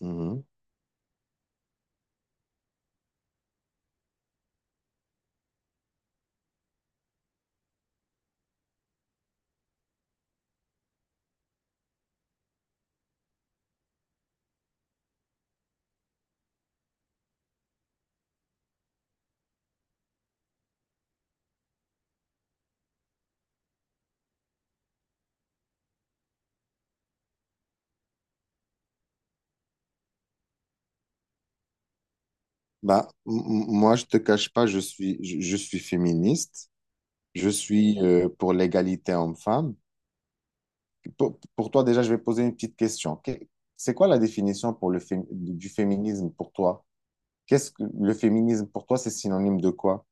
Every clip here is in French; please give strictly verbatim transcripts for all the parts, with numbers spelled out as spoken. Mhm. Bah, m- m- moi, je te cache pas, je suis, je, je suis féministe. Je suis euh, pour l'égalité homme-femme. Pour, pour toi, déjà, je vais poser une petite question. Que- C'est quoi la définition pour le fé- du féminisme pour toi? Qu'est-ce que le féminisme pour toi, c'est synonyme de quoi?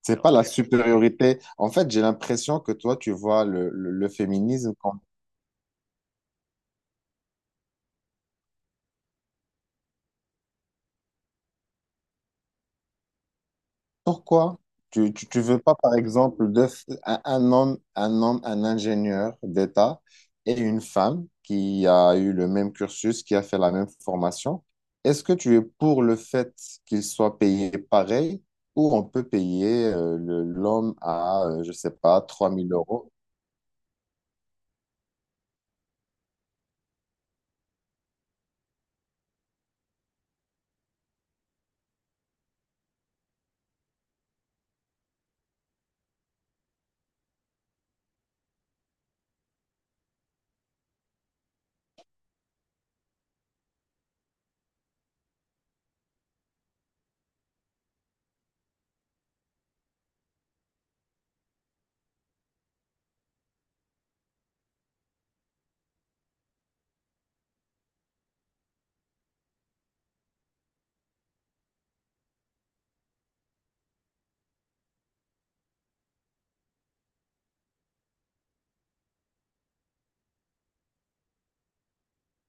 C'est pas la supériorité. En fait, j'ai l'impression que toi, tu vois le, le, le féminisme. Pourquoi? Tu, tu, tu veux pas, par exemple, de, f- un, un homme, un homme, un ingénieur d'État et une femme qui a eu le même cursus, qui a fait la même formation. Est-ce que tu es pour le fait qu'ils soient payés pareil ou on peut payer euh, le- l'homme à, euh, je sais pas, trois mille euros?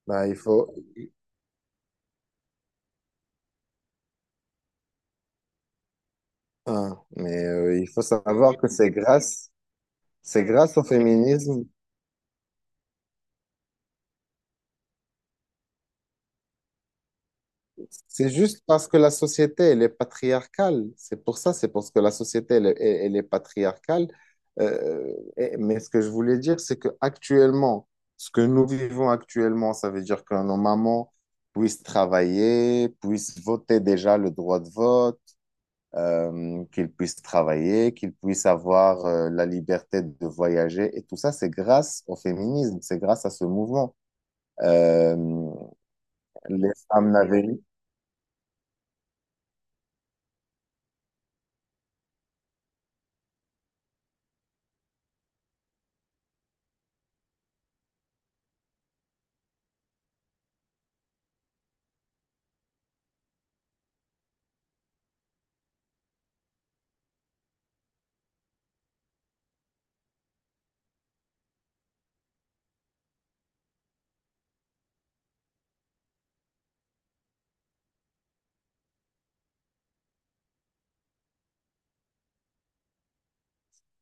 Ben, il faut, hein, mais euh, il faut savoir que c'est grâce, c'est grâce au féminisme. C'est juste parce que la société, elle est patriarcale. C'est pour ça, c'est parce que la société, elle, est elle- est patriarcale. Euh, et- mais ce que je voulais dire, c'est que actuellement, ce que nous vivons actuellement, ça veut dire que nos mamans puissent travailler, puissent voter déjà le droit de vote, euh, qu'ils puissent travailler, qu'ils puissent avoir, euh, la liberté de voyager. Et tout ça, c'est grâce au féminisme, c'est grâce à ce mouvement. Euh, les femmes n'avaient.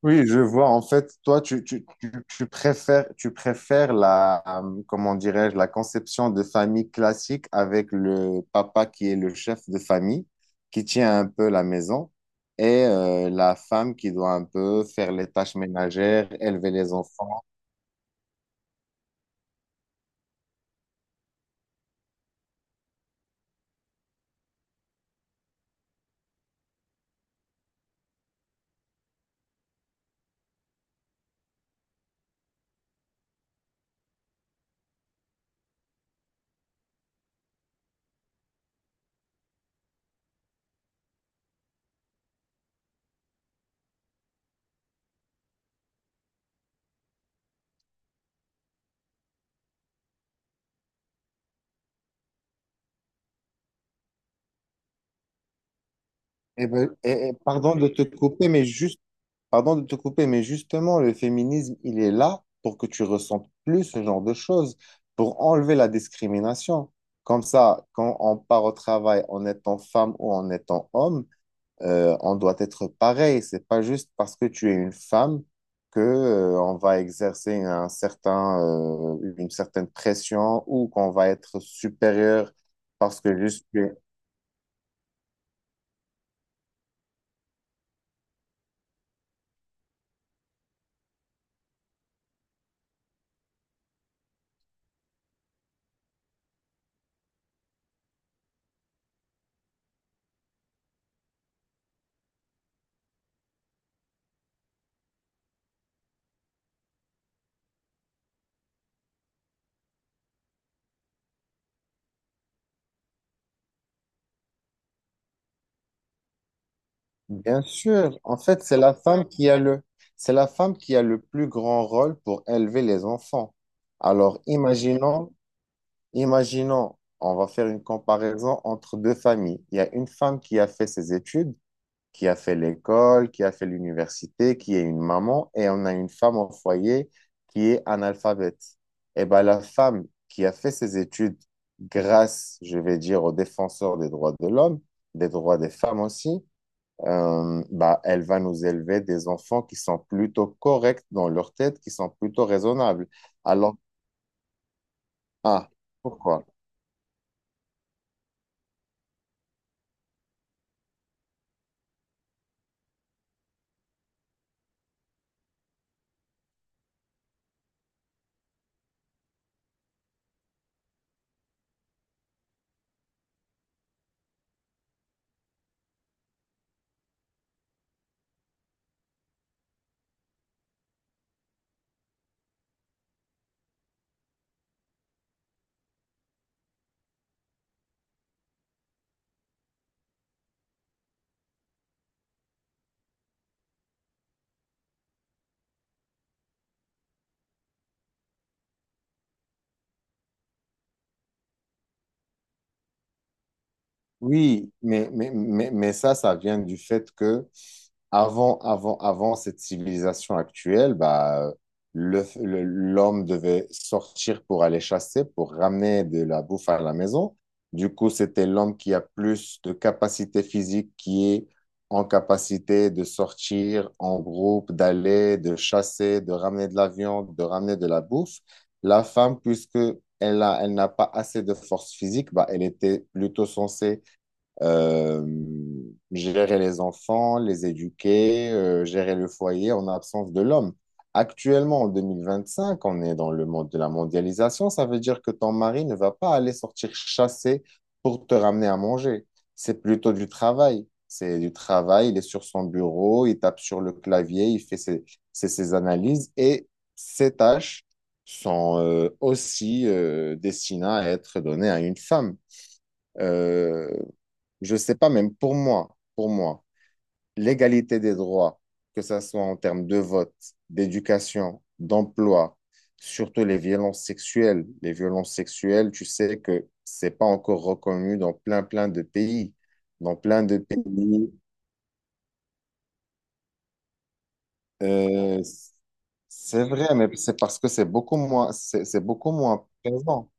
Oui, je vois. En fait, toi, tu, tu, tu, tu préfères, tu préfères la, euh, comment dirais-je, la conception de famille classique avec le papa qui est le chef de famille, qui tient un peu la maison, et euh, la femme qui doit un peu faire les tâches ménagères, élever les enfants. Eh ben, eh, eh, pardon de te couper, mais juste pardon de te couper, mais justement, le féminisme, il est là pour que tu ressentes plus ce genre de choses, pour enlever la discrimination. Comme ça, quand on part au travail en étant femme ou en étant homme, euh, on doit être pareil. C'est pas juste parce que tu es une femme que, euh, on va exercer un certain, euh, une certaine pression ou qu'on va être supérieur parce que juste tu es. Bien sûr, en fait, c'est la femme qui a le, c'est la femme qui a le plus grand rôle pour élever les enfants. Alors, imaginons, imaginons, on va faire une comparaison entre deux familles. Il y a une femme qui a fait ses études, qui a fait l'école, qui a fait l'université, qui est une maman, et on a une femme au foyer qui est analphabète. Eh bien, la femme qui a fait ses études grâce, je vais dire, aux défenseurs des droits de l'homme, des droits des femmes aussi, euh, bah, elle va nous élever des enfants qui sont plutôt corrects dans leur tête, qui sont plutôt raisonnables. Alors, ah, pourquoi? Oui, mais, mais, mais, mais ça, ça, vient du fait que avant, avant, avant cette civilisation actuelle, bah, le, le- l'homme devait sortir pour aller chasser, pour ramener de la bouffe à la maison. Du coup, c'était l'homme qui a plus de capacité physique, qui est en capacité de sortir en groupe, d'aller, de chasser, de ramener de la viande, de ramener de la bouffe. La femme, puisque elle a, elle n'a pas assez de force physique, bah, elle était plutôt censée euh, gérer les enfants, les éduquer, euh, gérer le foyer en absence de l'homme. Actuellement, en deux mille vingt-cinq, on est dans le monde de la mondialisation. Ça veut dire que ton mari ne va pas aller sortir chasser pour te ramener à manger. C'est plutôt du travail. C'est du travail, il est sur son bureau, il tape sur le clavier, il fait ses, ses- ses analyses et ses tâches sont euh, aussi euh, destinées à être données à une femme. Euh, je ne sais pas, même pour moi, pour moi, l'égalité des droits, que ce soit en termes de vote, d'éducation, d'emploi, surtout les violences sexuelles. Les violences sexuelles, tu sais que c'est pas encore reconnu dans plein, plein de pays. Dans plein de pays, euh, c'est vrai, mais c'est parce que c'est beaucoup moins, c'est c'est beaucoup moins présent.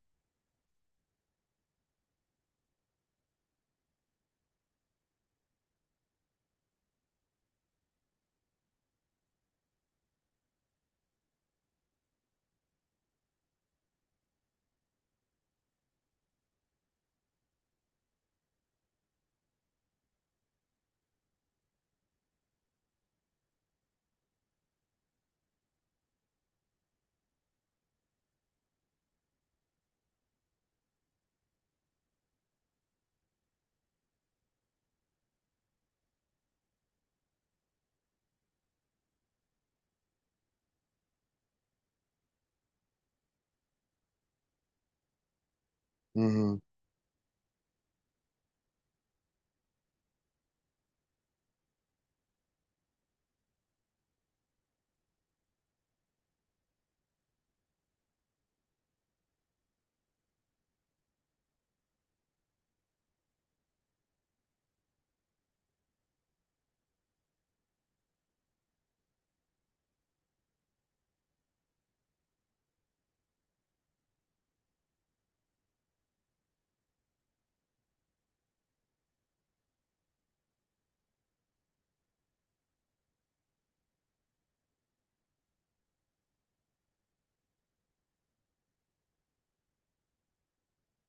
Mhm.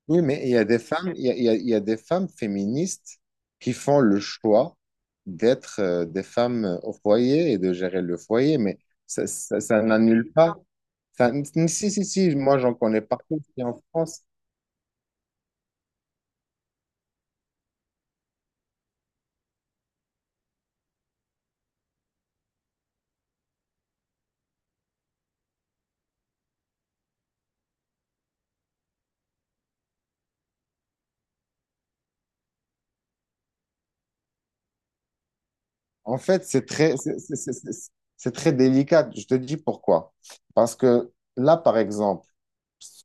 Oui, mais il y a des femmes, il y a, il y a- il y a des femmes féministes qui font le choix d'être euh, des femmes euh, au foyer et de gérer le foyer, mais ça, ça, ça n'annule pas. ça- Si, si, si, moi j'en connais partout ici en France. En fait, c'est très, c'est c'est- c'est- c'est- c'est très délicat. Je te dis pourquoi. Parce que là, par exemple,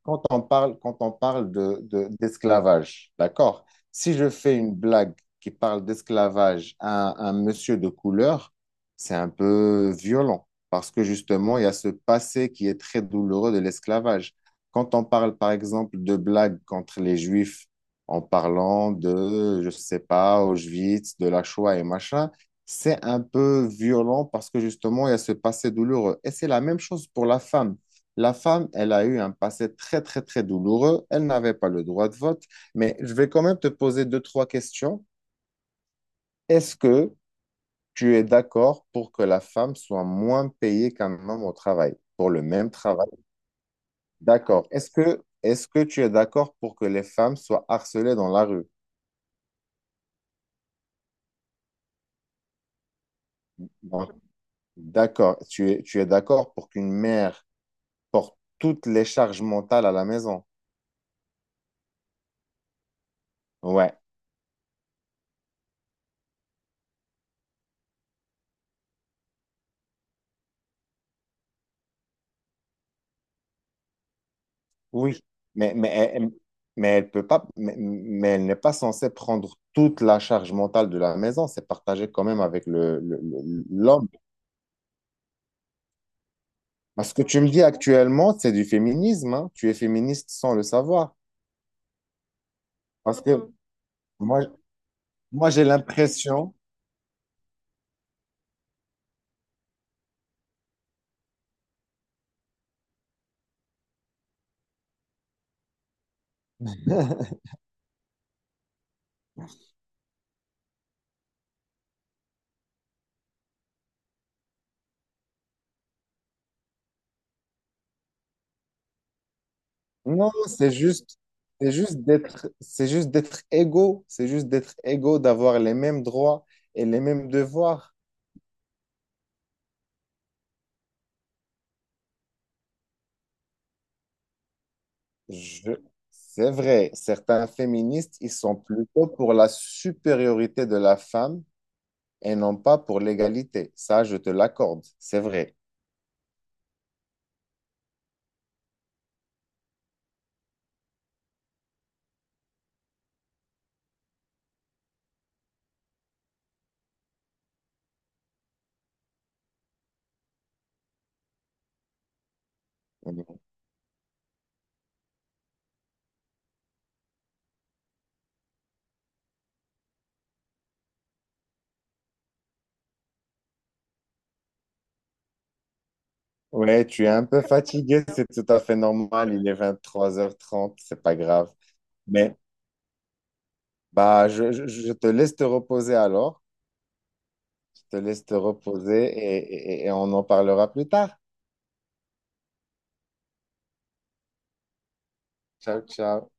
quand on parle, quand on parle de, de- d'esclavage, d'accord? Si je fais une blague qui parle d'esclavage à un, un monsieur de couleur, c'est un peu violent parce que justement, il y a ce passé qui est très douloureux de l'esclavage. Quand on parle, par exemple, de blagues contre les juifs en parlant de, je sais pas, Auschwitz, de la Shoah et machin, c'est un peu violent parce que justement, il y a ce passé douloureux. Et c'est la même chose pour la femme. La femme, elle a eu un passé très, très, très douloureux. Elle n'avait pas le droit de vote. Mais je vais quand même te poser deux, trois questions. Est-ce que tu es d'accord pour que la femme soit moins payée qu'un homme au travail, pour le même travail? D'accord. Est-ce que, est-ce que tu es d'accord pour que les femmes soient harcelées dans la rue? Donc, d'accord. Tu es, tu es d'accord pour qu'une mère porte toutes les charges mentales à la maison? Ouais. Oui, mais, mais, elle, mais elle peut pas, mais, mais elle n'est pas censée prendre toute la charge mentale de la maison, c'est partagé quand même avec le, le- le- l'homme. Parce que tu me dis actuellement, c'est du féminisme, hein. Tu es féministe sans le savoir. Parce que moi, moi j'ai l'impression, non, c'est juste, c'est juste d'être, c'est juste d'être égaux, c'est juste d'être égaux, d'avoir les mêmes droits et les mêmes devoirs. Je. C'est vrai, certains féministes, ils sont plutôt pour la supériorité de la femme et non pas pour l'égalité. Ça, je te l'accorde, c'est vrai. Ouais, tu es un peu fatigué, c'est tout à fait normal. Il est vingt-trois heures trente, c'est pas grave. Mais bah, je, je- je te laisse te reposer alors. Je te laisse te reposer et, et et on en parlera plus tard. Ciao, ciao.